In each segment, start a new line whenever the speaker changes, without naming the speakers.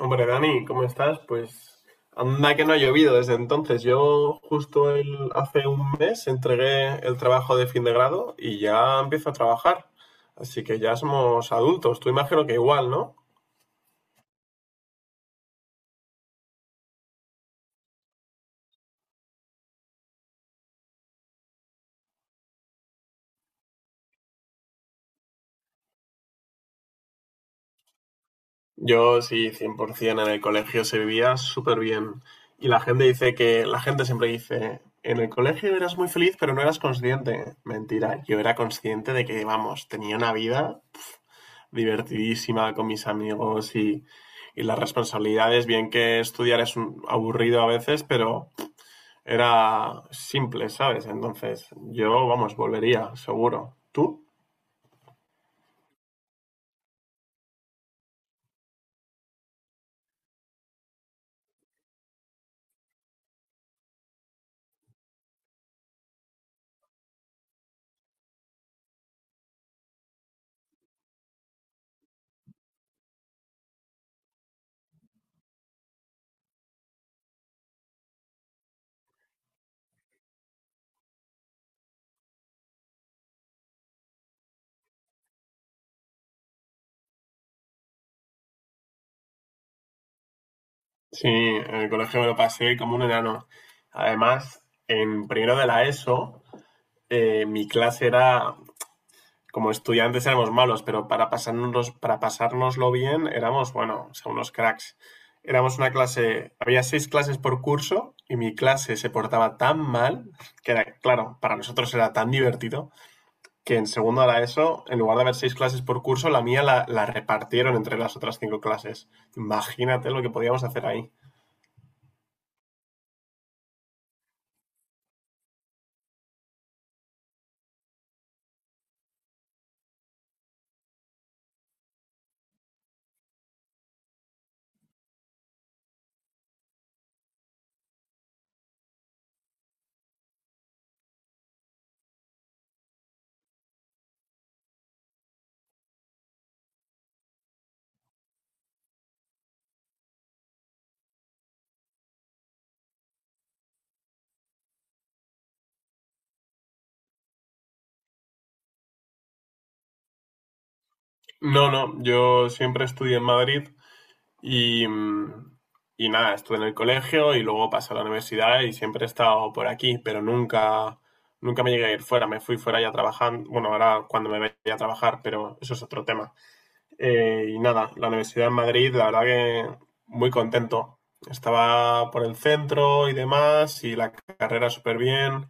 Hombre, Dani, ¿cómo estás? Pues anda que no ha llovido desde entonces. Yo justo hace un mes entregué el trabajo de fin de grado y ya empiezo a trabajar. Así que ya somos adultos. Tú imagino que igual, ¿no? Yo sí, 100% en el colegio se vivía súper bien. Y la gente dice que, la gente siempre dice, en el colegio eras muy feliz, pero no eras consciente. Mentira, yo era consciente de que, vamos, tenía una vida divertidísima con mis amigos y las responsabilidades, bien que estudiar es aburrido a veces, pero era simple, ¿sabes? Entonces, yo, vamos, volvería, seguro. ¿Tú? Sí, en el colegio me lo pasé como un enano. Además, en primero de la ESO, mi clase era como estudiantes éramos malos, pero para pasarnos, para pasárnoslo bien éramos, bueno, o sea, unos cracks. Éramos una clase, había seis clases por curso y mi clase se portaba tan mal que era, claro, para nosotros era tan divertido que en segundo a la ESO, en lugar de haber seis clases por curso, la mía la repartieron entre las otras cinco clases. Imagínate lo que podíamos hacer ahí. No, no, yo siempre estudié en Madrid. Y, mm, y nada, estuve en el colegio y luego pasé a la universidad y siempre he estado por aquí, pero nunca me llegué a ir fuera. Me fui fuera ya trabajando, bueno, ahora cuando me vaya a trabajar, pero eso es otro tema. Y nada, la universidad en Madrid, la verdad que muy contento. Estaba por el centro y demás y la carrera súper bien,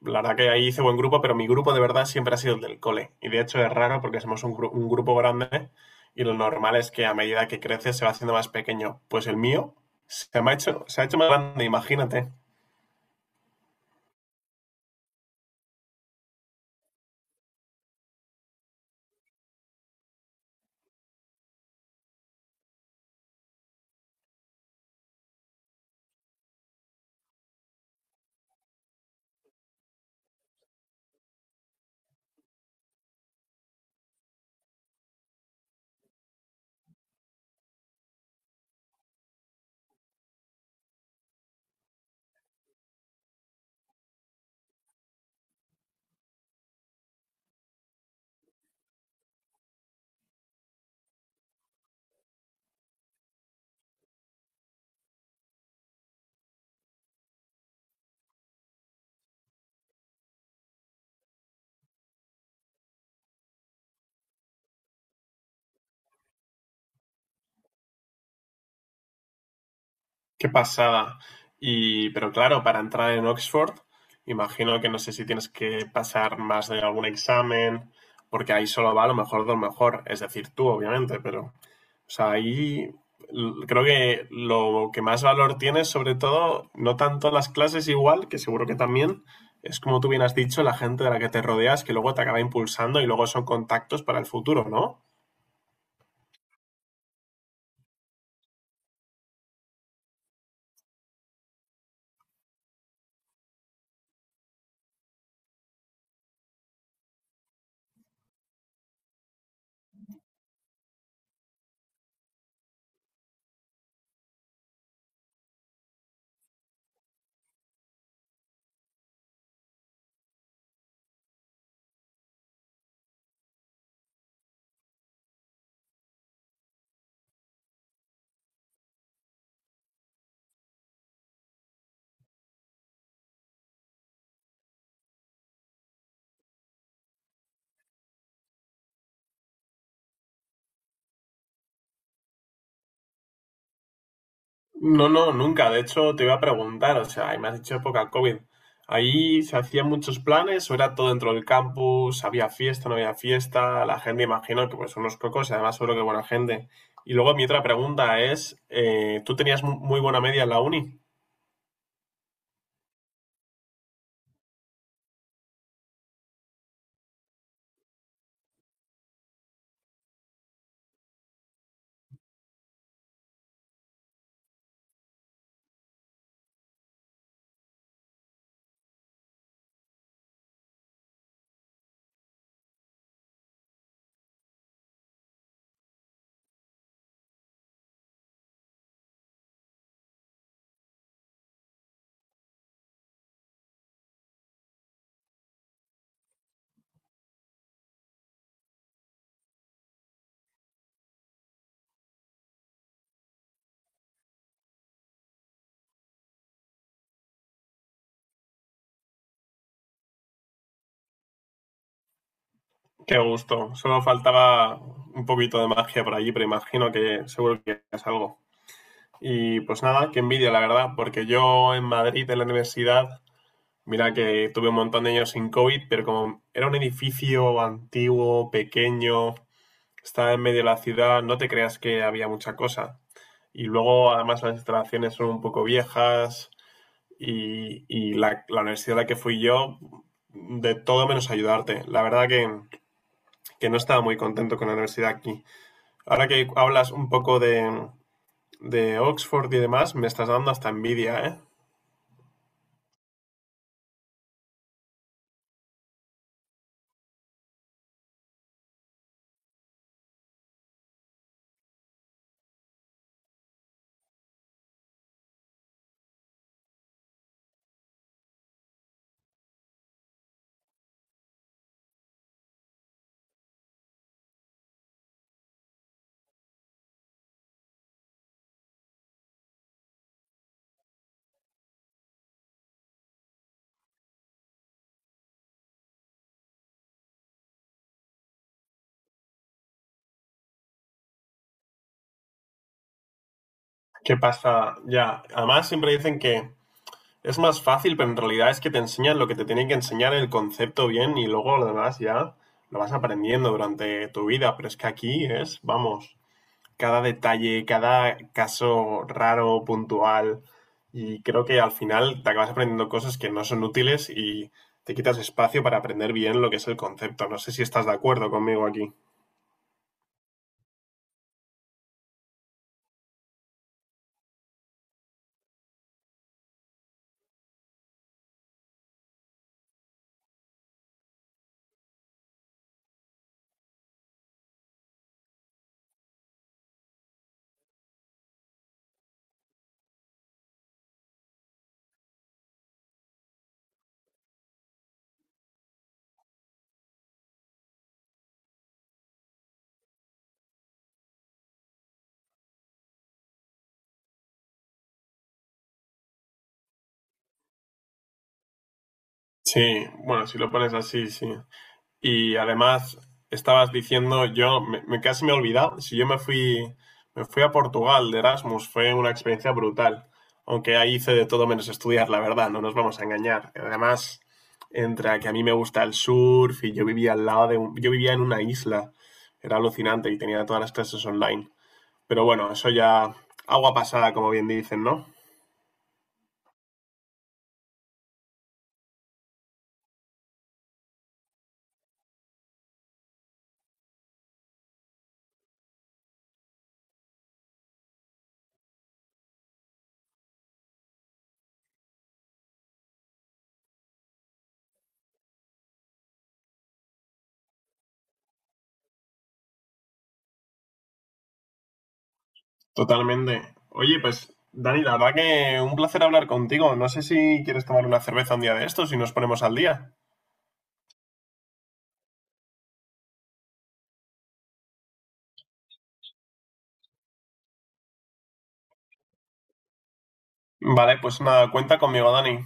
la verdad que ahí hice buen grupo, pero mi grupo de verdad siempre ha sido el del cole. Y de hecho es raro porque somos un grupo grande y lo normal es que a medida que creces se va haciendo más pequeño. Pues el mío se me ha hecho, se ha hecho más grande, imagínate. Qué pasada. Y, pero claro, para entrar en Oxford, imagino que no sé si tienes que pasar más de algún examen, porque ahí solo va a lo mejor de lo mejor. Es decir, tú, obviamente, pero... O sea, ahí creo que lo que más valor tiene es sobre todo, no tanto las clases igual, que seguro que también, es como tú bien has dicho, la gente de la que te rodeas que luego te acaba impulsando y luego son contactos para el futuro, ¿no? No, no, nunca. De hecho, te iba a preguntar, o sea, ahí me has dicho época COVID. Ahí se hacían muchos planes, o era todo dentro del campus, había fiesta, no había fiesta, la gente imagino que pues unos cocos y además seguro que buena gente. Y luego mi otra pregunta es, ¿tú tenías muy buena media en la uni? Qué gusto. Solo faltaba un poquito de magia por allí, pero imagino que seguro que es algo. Y pues nada, qué envidia, la verdad, porque yo en Madrid, en la universidad, mira que tuve un montón de años sin COVID, pero como era un edificio antiguo, pequeño, estaba en medio de la ciudad, no te creas que había mucha cosa. Y luego, además, las instalaciones son un poco viejas y, y la universidad a la que fui yo, de todo menos ayudarte. La verdad que no estaba muy contento con la universidad aquí. Ahora que hablas un poco de Oxford y demás, me estás dando hasta envidia, ¿eh? ¿Qué pasa? Ya, además siempre dicen que es más fácil, pero en realidad es que te enseñan lo que te tienen que enseñar, el concepto bien, y luego lo demás ya lo vas aprendiendo durante tu vida, pero es que aquí es, vamos, cada detalle, cada caso raro, puntual. Y creo que al final te acabas aprendiendo cosas que no son útiles y te quitas espacio para aprender bien lo que es el concepto. No sé si estás de acuerdo conmigo aquí. Sí, bueno, si lo pones así, sí. Y además, estabas diciendo, yo casi me he olvidado, si yo me fui a Portugal de Erasmus, fue una experiencia brutal. Aunque ahí hice de todo menos estudiar, la verdad, no nos vamos a engañar. Además, entre que a mí me gusta el surf y yo vivía al lado de yo vivía en una isla, era alucinante y tenía todas las clases online. Pero bueno, eso ya agua pasada, como bien dicen, ¿no? Totalmente. Oye, pues Dani, la verdad que un placer hablar contigo. No sé si quieres tomar una cerveza un día de estos y nos ponemos al día. Vale, pues nada, cuenta conmigo, Dani.